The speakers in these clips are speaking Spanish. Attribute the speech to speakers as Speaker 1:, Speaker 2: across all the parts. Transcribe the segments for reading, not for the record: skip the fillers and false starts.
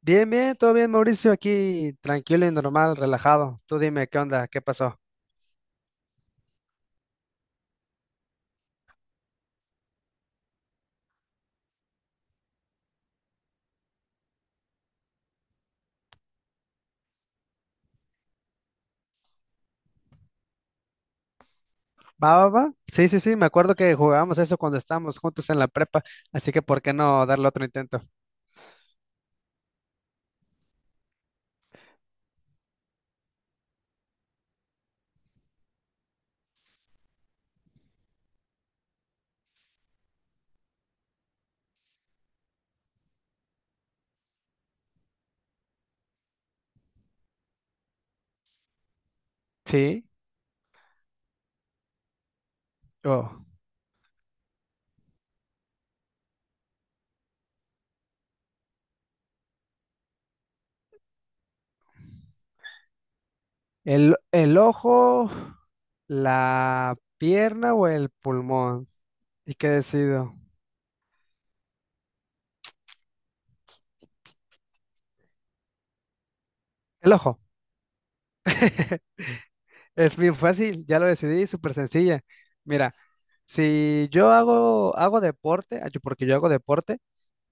Speaker 1: Bien, bien, todo bien, Mauricio, aquí tranquilo y normal, relajado. Tú dime, ¿qué onda? ¿Qué pasó? ¿Va, va, va? Sí, sí, sí, me acuerdo que jugábamos eso cuando estábamos juntos en la prepa, así que ¿por qué no darle otro intento? Sí, oh. El ojo, la pierna o el pulmón. ¿Y qué decido? El ojo. Es bien fácil, ya lo decidí, súper sencilla. Mira, si yo hago deporte, porque yo hago deporte,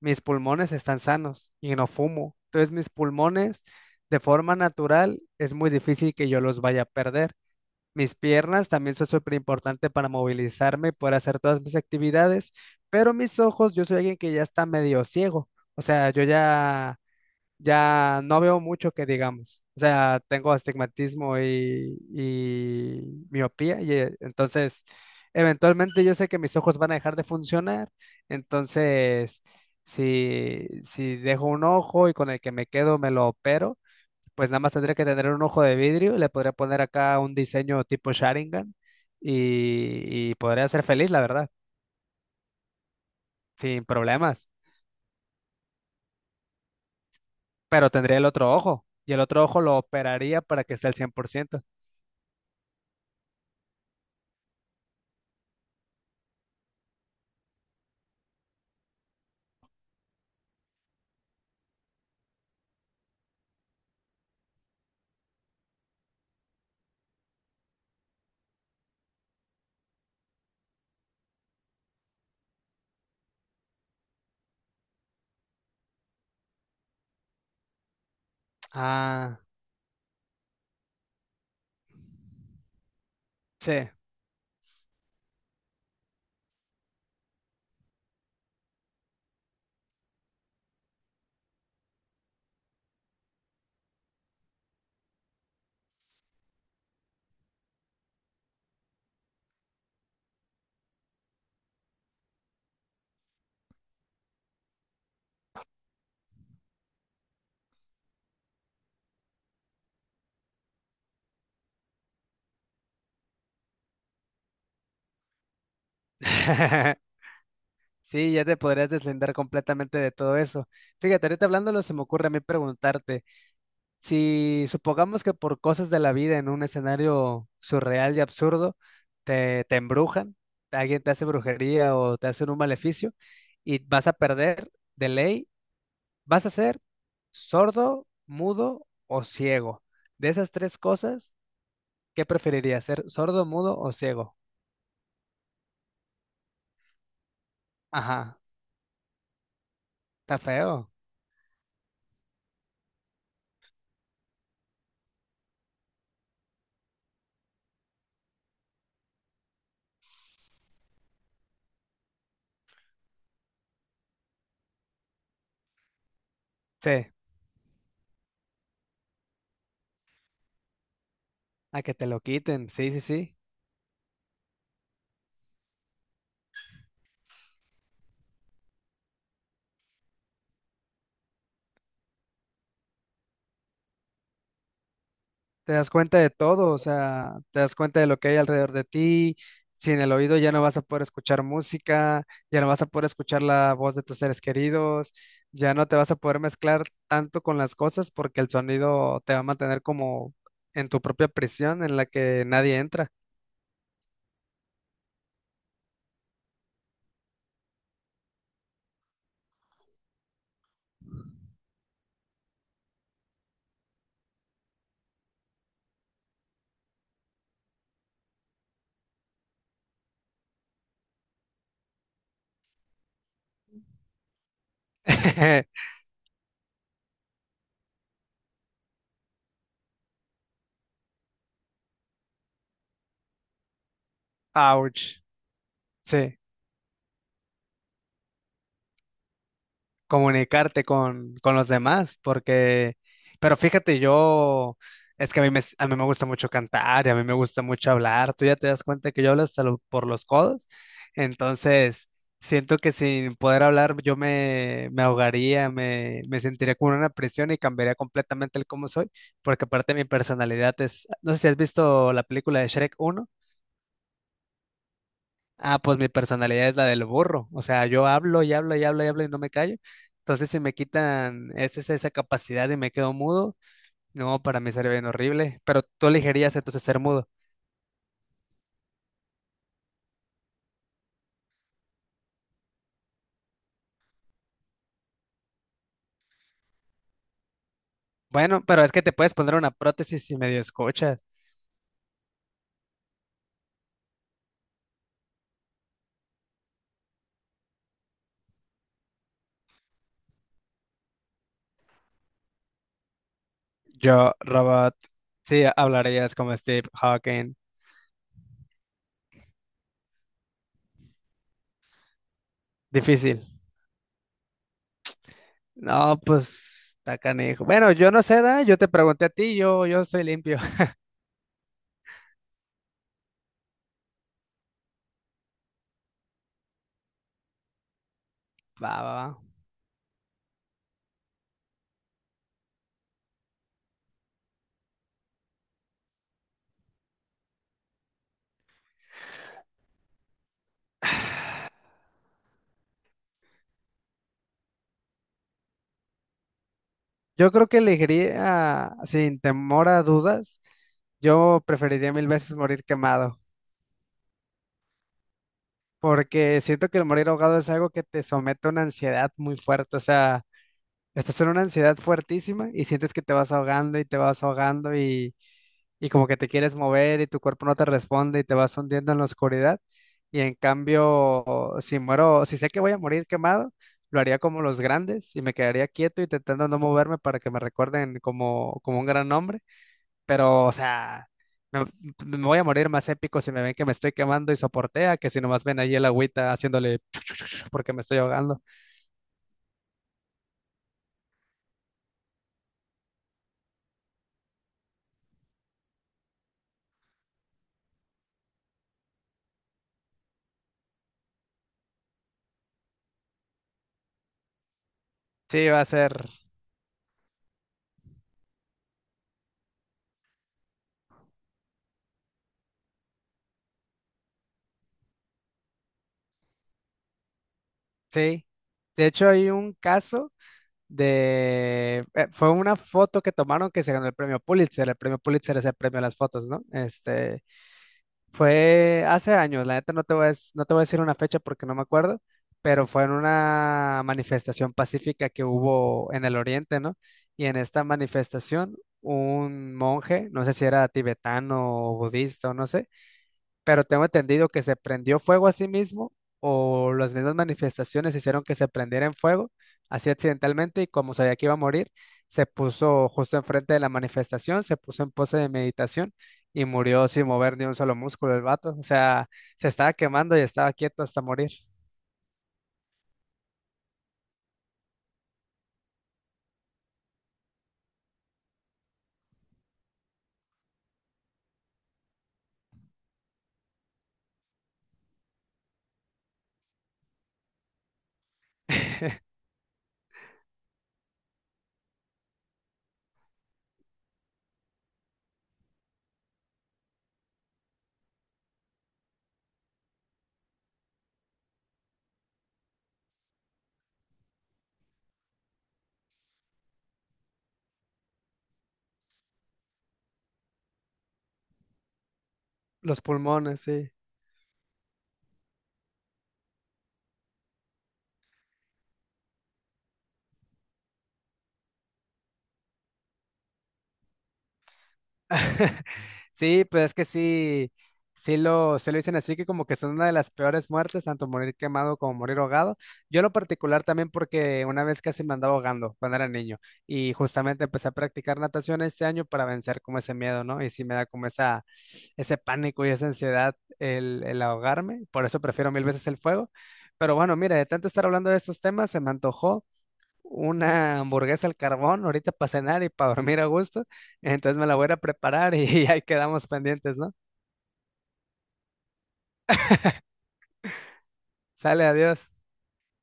Speaker 1: mis pulmones están sanos y no fumo. Entonces mis pulmones de forma natural es muy difícil que yo los vaya a perder. Mis piernas también son súper importantes para movilizarme y poder hacer todas mis actividades, pero mis ojos, yo soy alguien que ya está medio ciego. O sea, yo ya no veo mucho que digamos. O sea, tengo astigmatismo y miopía, y entonces eventualmente yo sé que mis ojos van a dejar de funcionar. Entonces, si dejo un ojo y con el que me quedo me lo opero, pues nada más tendría que tener un ojo de vidrio y le podría poner acá un diseño tipo Sharingan y podría ser feliz, la verdad, sin problemas. Pero tendría el otro ojo y el otro ojo lo operaría para que esté al 100%. Ah. Sí. Sí, ya te podrías deslindar completamente de todo eso. Fíjate, ahorita hablándolo, se me ocurre a mí preguntarte, si supongamos que por cosas de la vida en un escenario surreal y absurdo, te embrujan, alguien te hace brujería o te hace un maleficio y vas a perder de ley, vas a ser sordo, mudo o ciego. De esas tres cosas, ¿qué preferirías? ¿Ser sordo, mudo o ciego? Ajá, está feo. Sí. A que te lo quiten, sí, sí, sí. Te das cuenta de todo, o sea, te das cuenta de lo que hay alrededor de ti. Sin el oído ya no vas a poder escuchar música, ya no vas a poder escuchar la voz de tus seres queridos, ya no te vas a poder mezclar tanto con las cosas porque el sonido te va a mantener como en tu propia prisión en la que nadie entra. Ouch. Sí. Comunicarte con los demás, pero fíjate, es que a mí, a mí me gusta mucho cantar y a mí me gusta mucho hablar, tú ya te das cuenta que yo hablo hasta por los codos, entonces siento que sin poder hablar yo me ahogaría, me sentiría como en una prisión y cambiaría completamente el cómo soy, porque aparte mi personalidad no sé si has visto la película de Shrek uno. Ah, pues mi personalidad es la del burro. O sea, yo hablo y hablo y hablo y hablo y no me callo. Entonces, si me quitan esa capacidad y me quedo mudo, no, para mí sería bien horrible. Pero tú elegirías entonces ser mudo. Bueno, pero es que te puedes poner una prótesis si medio escuchas. Yo, robot, sí, hablarías como Steve Hawking. Difícil. No, pues, está canijo. Bueno, yo no sé, yo te pregunté a ti, yo soy limpio. Va, va, va. Yo creo que elegiría, sin temor a dudas. Yo preferiría mil veces morir quemado, porque siento que el morir ahogado es algo que te somete a una ansiedad muy fuerte, o sea, estás en una ansiedad fuertísima y sientes que te vas ahogando y te vas ahogando y como que te quieres mover y tu cuerpo no te responde y te vas hundiendo en la oscuridad. Y en cambio, si muero, si sé que voy a morir quemado, lo haría como los grandes y me quedaría quieto y intentando no moverme para que me recuerden como, como un gran hombre. Pero, o sea, me, me voy a morir más épico si me ven que me estoy quemando y soportea que si nomás ven ahí el agüita haciéndole porque me estoy ahogando. Sí, va a ser, sí. De hecho, hay un caso de, fue una foto que tomaron que se ganó el premio Pulitzer. El premio Pulitzer es el premio a las fotos, ¿no? Este, fue hace años, la neta no te voy a, dec- no te voy a decir una fecha porque no me acuerdo, pero fue en una manifestación pacífica que hubo en el Oriente, ¿no? Y en esta manifestación, un monje, no sé si era tibetano o budista o no sé, pero tengo entendido que se prendió fuego a sí mismo o las mismas manifestaciones hicieron que se prendiera en fuego, así accidentalmente, y como sabía que iba a morir, se puso justo enfrente de la manifestación, se puso en pose de meditación y murió sin mover ni un solo músculo el vato. O sea, se estaba quemando y estaba quieto hasta morir. Los pulmones, sí. Sí, pues es que sí, se lo dicen así que como que son una de las peores muertes, tanto morir quemado como morir ahogado. Yo en lo particular también porque una vez casi me andaba ahogando cuando era niño y justamente empecé a practicar natación este año para vencer como ese miedo, ¿no? Y sí me da como ese pánico y esa ansiedad el ahogarme, por eso prefiero mil veces el fuego. Pero bueno, mira, de tanto estar hablando de estos temas, se me antojó una hamburguesa al carbón ahorita para cenar y para dormir a gusto. Entonces me la voy a ir a preparar y ahí quedamos pendientes, ¿no? Sale, adiós.